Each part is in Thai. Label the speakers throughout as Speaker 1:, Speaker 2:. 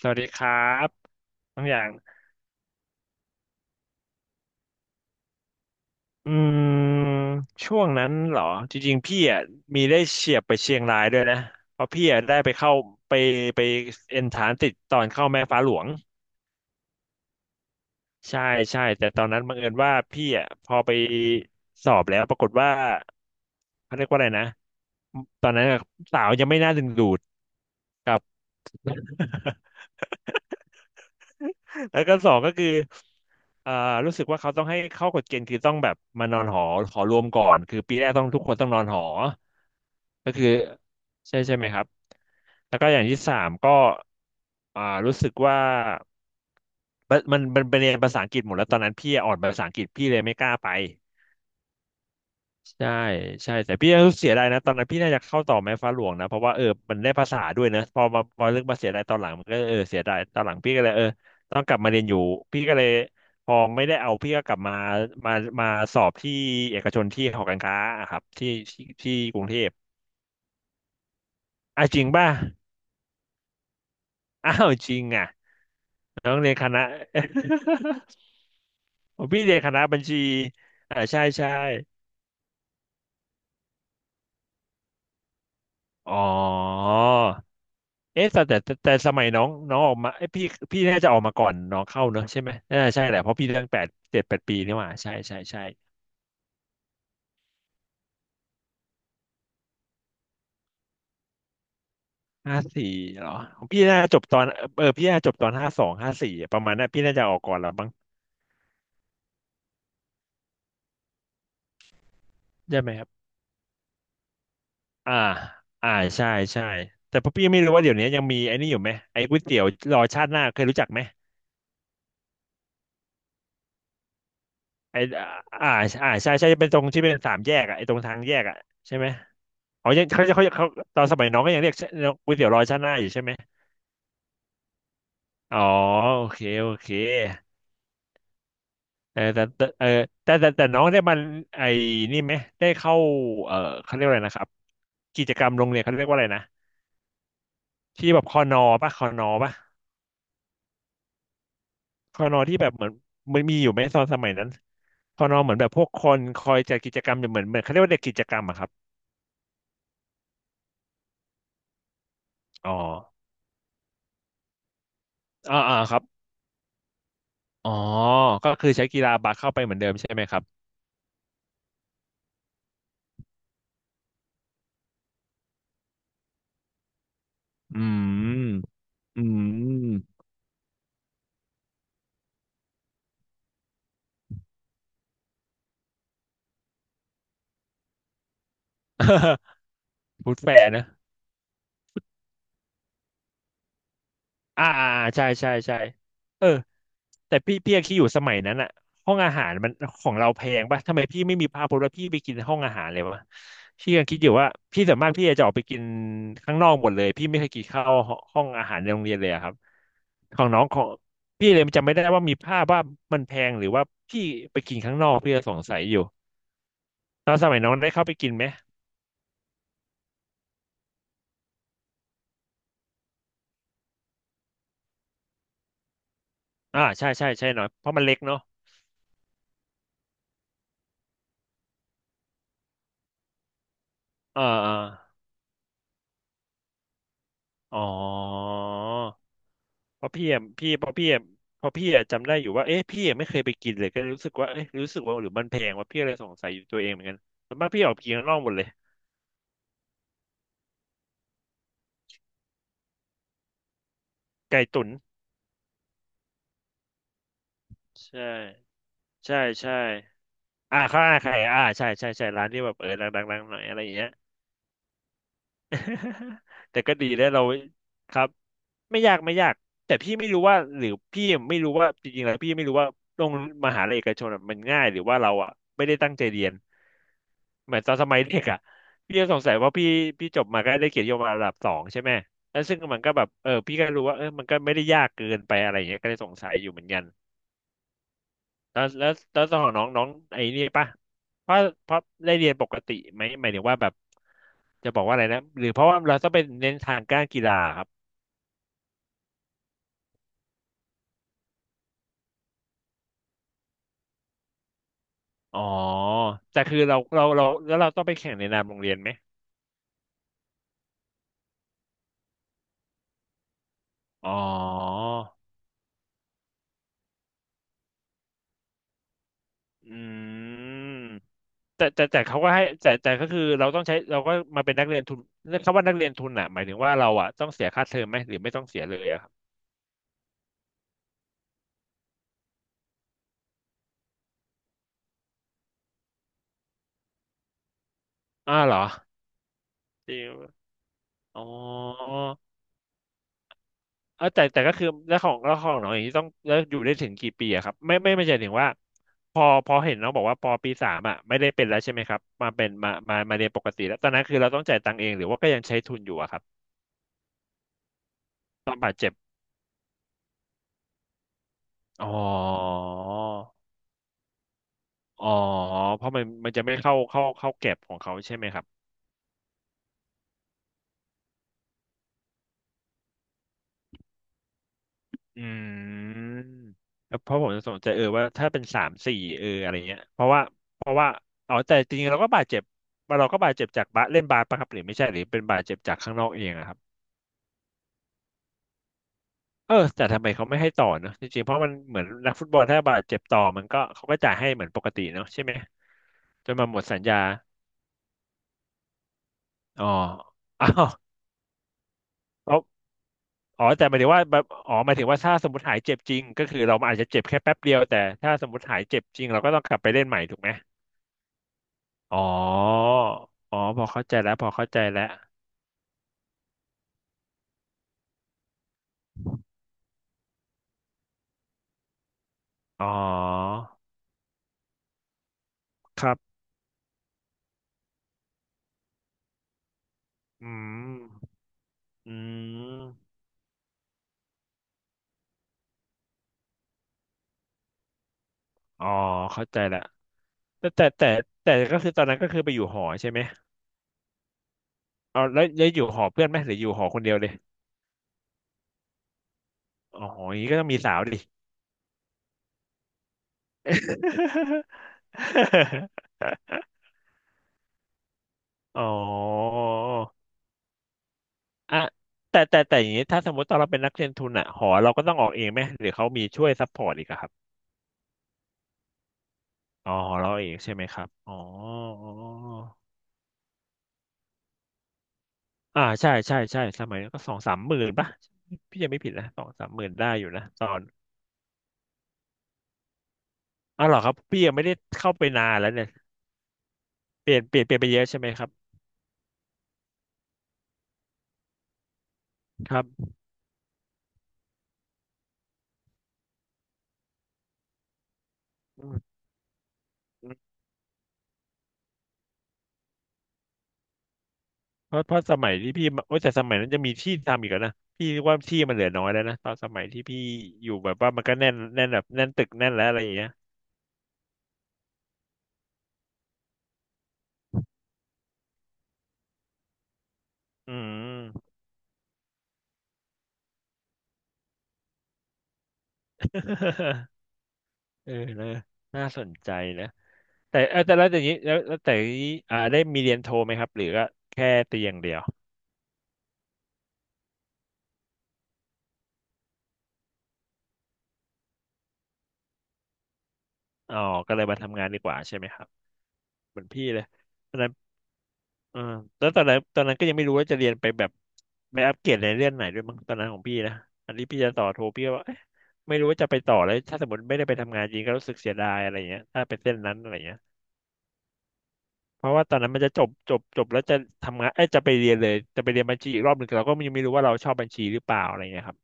Speaker 1: สวัสดีครับน้องอย่างอืมช่วงนั้นเหรอจริงๆพี่อ่ะมีได้เฉียบไปเชียงรายด้วยนะเพราะพี่อ่ะได้ไปเข้าไปไปเอนทรานติดตอนเข้าแม่ฟ้าหลวงใช่ใช่แต่ตอนนั้นบังเอิญว่าพี่อ่ะพอไปสอบแล้วปรากฏว่าเขาเรียกว่าอะไรนะตอนนั้นอะสาวยังไม่น่าดึงดูดครับ แล้วก็สองก็คืออ่ารู้สึกว่าเขาต้องให้เข้ากฎเกณฑ์คือต้องแบบมานอนหอหอรวมก่อนคือปีแรกต้องทุกคนต้องนอนหอก็คือใช่ใช่ไหมครับแล้วก็อย่างที่สามก็รู้สึกว่ามันเป็นเรียนภาษาอังกฤษหมดแล้วตอนนั้นพี่อ่อนภาษาอังกฤษพี่เลยไม่กล้าไป ใช่ใช่แต่พี่ก็เสียดายนะตอนนั้นพี่น่าจะเข้าต่อแม่ฟ้าหลวงนะเพราะว่าเออมันได้ภาษาด้วยนะพอมาพอเรืองมาเสียดายตอนหลังมันก็เออเสียดายตอนหลังพี่ก็เลยเออต้องกลับมาเรียนอยู่พี่ก็เลยพอไม่ได้เอาพี่ก็กลับมามามาสอบที่เอกชนที่หอการค้าอะครับที่กรุงเทพอ่ะจริงป่ะ อ้าวจริงอ่ะน้องเรียนคณะ ผมพี่เรียนคณะบัญชีอ่าใช่ใช่อ๋อ เอ๊ะแต่สมัยน้องน้องออกมาเอ้ยพี่พี่น่าจะออกมาก่อนน้องเข้าเนอะใช่ไหมน่าใช่แหละเพราะพี่ตั้งแปดเจ็ดแปดปีนี่หว่าใช่ใช่ใช่ห้าสี่เหรอของพี่น่าจบตอนเออพี่น่าจบตอนห้าสองห้าสี่ประมาณนั้นพี่น่าจะออกก่อนแล้วบ้างใช่ไหมครับอ่าอ่าใช่ใช่แต่พอพี่ไม่รู้ว่าเดี๋ยวนี้ยังมีไอ้นี่อยู่ไหมไอ้ก๋วยเตี๋ยวรอชาติหน้าเคยรู้จักไหมไอ้อ่าอ่าใช่ใช่เป็นตรงที่เป็นสามแยกอ่ะไอ้ตรงทางแยกอ่ะใช่ไหมอ๋อยังเขาจะเขาตอนสมัยน้องก็ยังเรียกก๋วยเตี๋ยวรอชาติหน้าอยู่ใช่ไหม อ๋อโอเคโอเคเออแต่เออแต่น้องได้มันไอ้นี่ไหมได้เข้าเออเขาเรียกว่าอะไรนะครับกิจกรรมโรงเรียนเขาเรียกว่าอะไรนะที่แบบคอนอป่ะคอนอป่ะคอนอที่แบบเหมือนมันมีอยู่ไหมตอนสมัยนั้นคอนอเหมือนแบบพวกคนคอยจัดกิจกรรมเหมือนเขาเรียกว่าเด็กกิจกรรมอะครับอ๋ออ่าอ่าครับอ๋อก็คือใช้กีฬาบาสเข้าไปเหมือนเดิมใช่ไหมครับอืมอืม พูดแฝนะ อ่าอ่าอ่าใช่ใช่ใช่เออแต่พี่พี่ยังคิดอยู่สมัยนั้นอะห้องอาหารมันของเราแพงปะทำไมพี่ไม่มีพาพจน์ว่าพี่ไปกินห้องอาหารเลยวะพี่ยังคิดอยู่ว่าพี่ส่วนมากพี่จะออกไปกินข้างนอกหมดเลยพี่ไม่เคยกินข้าวห้องอาหารในโรงเรียนเลยอะครับของน้องของพี่เลยจำไม่ได้ว่ามีภาพว่ามันแพงหรือว่าพี่ไปกินข้างนอกพี่ก็สงสัยอยู่ตอนสมัยน้องได้เข้าไปกินไหมอ่าใช่ใช่ใช่หน่อยเพราะมันเล็กเนาะอ่าอาอ๋อ เพราะพี่อะพี่เพราะพี่อะเพราะพี่อะจำได้อยู่ว่าเอ๊ะพี่อะไม่เคยไปกินเลยก็เลยรู้สึกว่าเอ๊ะรู้สึกว่าหรือมันแพงว่าพี่อะไรสงสัยอยู่ตัวเองเหมือนกันส่วนมากพี่ออกไปกินข้างนอกหมดเลยไก่ตุ๋นใช่ใช่ใช่อ่าข้าวหน้าไข่อ่าใช่ใช่ใช่ร้านที่แบบเออดังๆๆหน่อยอะไรอย่างเงี้ย แต่ก็ดีแล้วเราครับไม่ยากไม่ยากแต่พี่ไม่รู้ว่าหรือพี่ไม่รู้ว่าจริงๆแล้วพี่ไม่รู้ว่าโรงมหาลัยเอกชนอะมันง่ายหรือว่าเราอ่ะไม่ได้ตั้งใจเรียนเหมือนตอนสมัยเด็กอ่ะพี่ก็สงสัยว่าพี่พี่จบมาก็ได้เกียรตินิยศระดับสองใช่ไหมแล้วซึ่งมันก็แบบเออพี่ก็รู้ว่าเออมันก็ไม่ได้ยากเกินไปอะไรอย่างเงี้ยก็เลยสงสัยอยู่เหมือนกัน แล้วตอนของน้องน้องไอ้นี่ป่ะเพราะเพราะได้เรียนปกติไหมหมายถึงว่าแบบจะบอกว่าอะไรนะหรือเพราะว่าเราต้องไปเน้นทางการกีฬาครับอ๋อแต่คือเราแล้วเราต้องไปแข่งในนามโรงเรียนไหมอ๋ออืมแต่เขาก็ให้แต่ก็คือเราต้องใช้เราก็มาเป็นนักเรียนทุนคำว่านักเรียนทุนอ่ะหมายถึงว่าเราอ่ะต้องเสียค่าเทอมไหมหรือไม่ต้องเสียเลยอะครับอ้าวเหรอจริงอ๋อ เออแต่ก็คือแล้วของแล้วของน้องอย่างนี้ต้องแล้วอยู่ได้ถึงกี่ปีอะครับไม่ใช่ถึงว่าพอเห็นน้องบอกว่าปอปีสามอะไม่ได้เป็นแล้วใช่ไหมครับมาเป็นมาเรียนปกติแล้วตอนนั้นคือเราต้องจ่ายตังค์เองหรือว่าก็ยังใช้ทุนอยู่อะครับอ๋ออ๋อเพราะมันจะไม่เข้าเก็บของเขาใช่ไหมครับอืมแล้วเพราะผมจะสนใจเออว่าถ้าเป็นสามสี่เอออะไรเงี้ยเพราะว่าอ๋อแต่จริงๆเราก็บาดเจ็บเราก็บาดเจ็บจากบาสเล่นบาสปะครับหรือไม่ใช่หรือเป็นบาดเจ็บจากข้างนอกเองอะครับ เออแต่ทำไมเขาไม่ให้ต่อเนอะจริงๆเพราะมันเหมือนนักฟุตบอลถ้าบาดเจ็บต่อมันก็เขาก็จ่ายให้เหมือนปกติเนอะใช่ไหมจนมาหมดสัญญาอ๋อ อ้าวเขาอ๋อแต่หมายถึงว่าแบบอ๋อหมายถึงว่าถ้าสมมติหายเจ็บจริงก็คือเราอาจจะเจ็บแค่แป๊บเดียวแต่ถ้าสมมติหายเจ็บจริงเราก็ต้องกลับไปเล่นใหม่ถูกไหมอ๋ออ๋อพอเข้าใจแล้วพอเข้าใจแล้วอ๋อครับอืมอืมอ๋อเข้าใจแล้วแต่แต่ก็คือตอนนั้นก็คือไปอยู่หอใช่ไหม เอาแล้วอยู่หอเพื่อนไหมหรืออยู่หอคนเดียวเลยอ๋ออย่างนี้ก็ต้องมีสาวดิ อ๋อ อ่ะแต่อย่างนี้ถ้าสมมติตอนเราเป็นนักเรียนทุนอะหอเราก็ต้องออกเองไหมหรือเขามีช่วยซัพพอร์ตอีกอะครับอ๋อหอเราเองใช่ไหมครับอ๋ออ่าใช่สมัยนั้นก็สองสามหมื่นป่ะพี่ยังไม่ผิดนะสองสามหมื่นได้อยู่นะตอนอ๋อเหรอครับพี่ยังไม่ได้เข้าไปนานแล้วเนี่ยเปลี่ยนไปเยอะใช่ไหมครับครับอืม เพราะสมัยที่พี่มาโอ้ยแต่สมัยนั้นจะมีที่ทำอีกแล้วนะพี่ว่าที่มันเหลือน้อยแล้วนะตอนสมัยที่พี่อยู่แบบว่ามันก็แน่นแบบแน่นตึกแน่นแล้วอะไรอย่างเงี้ยอืม เออนะน่าสนใจนะแต่เออแต่แล้วอย่างนี้แล้วแต่อย่างนี้อ่าได้มีเรียนโทไหมครับหรือก็แค่ตีอย่างเดียวอ๋อก็เลยมาทำงานดีกว่าใช่ไหมครับ เหมือนพี่เลยตอนนั้นเออแล้วตอนนั้นก็ยังไม่รู้ว่าจะเรียนไปแบบไปอัปเกรดในเรื่องไหนด้วยมั้งตอนนั้นของพี่นะอันนี้พี่จะต่อโทพี่ก็ว่าเอ๊ะไม่รู้ว่าจะไปต่อแล้วถ้าสมมติไม่ได้ไปทำงานจริงก็รู้สึกเสียดายอะไรเงี้ยถ้าไปเส้นนั้นอะไรเงี้ยเพราะว่าตอนนั้นมันจะจบแล้วจะทำงานเอ้ยจะไปเรียนเลยจะไปเรียนบัญชีอีกรอบหนึ่งเราก็ยังไม่รู้ว่าเราชอบบัญชีหรือเปล่าอะไรเงี้ยครับ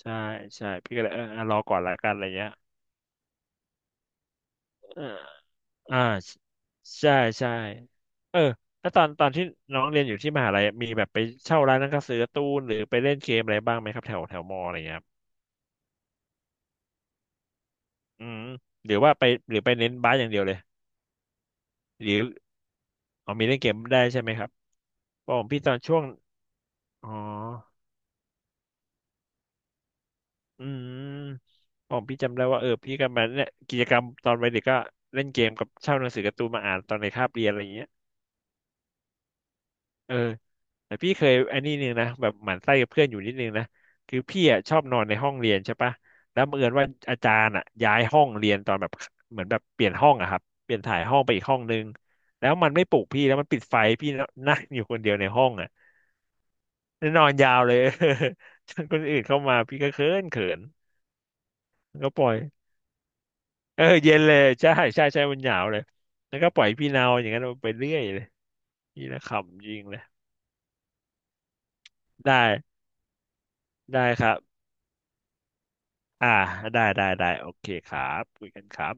Speaker 1: ใช่ใช่พี่ก็เลยอ่ะรอก่อนละกันอะไรเงี้ยเออ อ่าใช่ใช่เออแล้วตอนที่น้องเรียนอยู่ที่มหาลัยมีแบบไปเช่าร้านหนังสือการ์ตูนหรือไปเล่นเกมอะไรบ้างไหมครับแถวแถวมออะไรเงี้ยครับอืมหรือว่าไปหรือไปเน้นบาสอย่างเดียวเลยหรือเอามีเล่นเกมได้ใช่ไหมครับพราผมพี่ตอนช่วงอ๋ออืมผมพี่จำได้ว่าพี่ก็มาเนี่ยกิจกรรมตอนวัยเด็กก็เล่นเกมกับเช่าหนังสือการ์ตูนมาอ่านตอนในคาบเรียนอะไรเงี้ยเออ แต่พี่เคยไอันนี่นึงนะแบบหมั่นไส้กับเพื่อนอยู่นิดนึงนะคือพี่อ่ะชอบนอนในห้องเรียนใช่ปะแล้วบังเอิญว่าอาจารย์อ่ะย้ายห้องเรียนตอนแบบเหมือนแบบเปลี่ยนห้องอะครับเปลี่ยนถ่ายห้องไปอีกห้องนึงแล้วมันไม่ปลุกพี่แล้วมันปิดไฟพี่นั่งอยู่คนเดียวในห้องอ่ะแล้วนอนยาวเลย จนคนอื่นเข้ามาพี่ก็เขินก็ปล่อยเออเย็นเลยใช่มันหนาวเลยแล้วก็ปล่อยพี่เนาอย่างนั้นไปเรื่อยเลยนี่นะขำจริงเลยได้ได้ครับ อ่าได้โอเคครับคุยกันครับ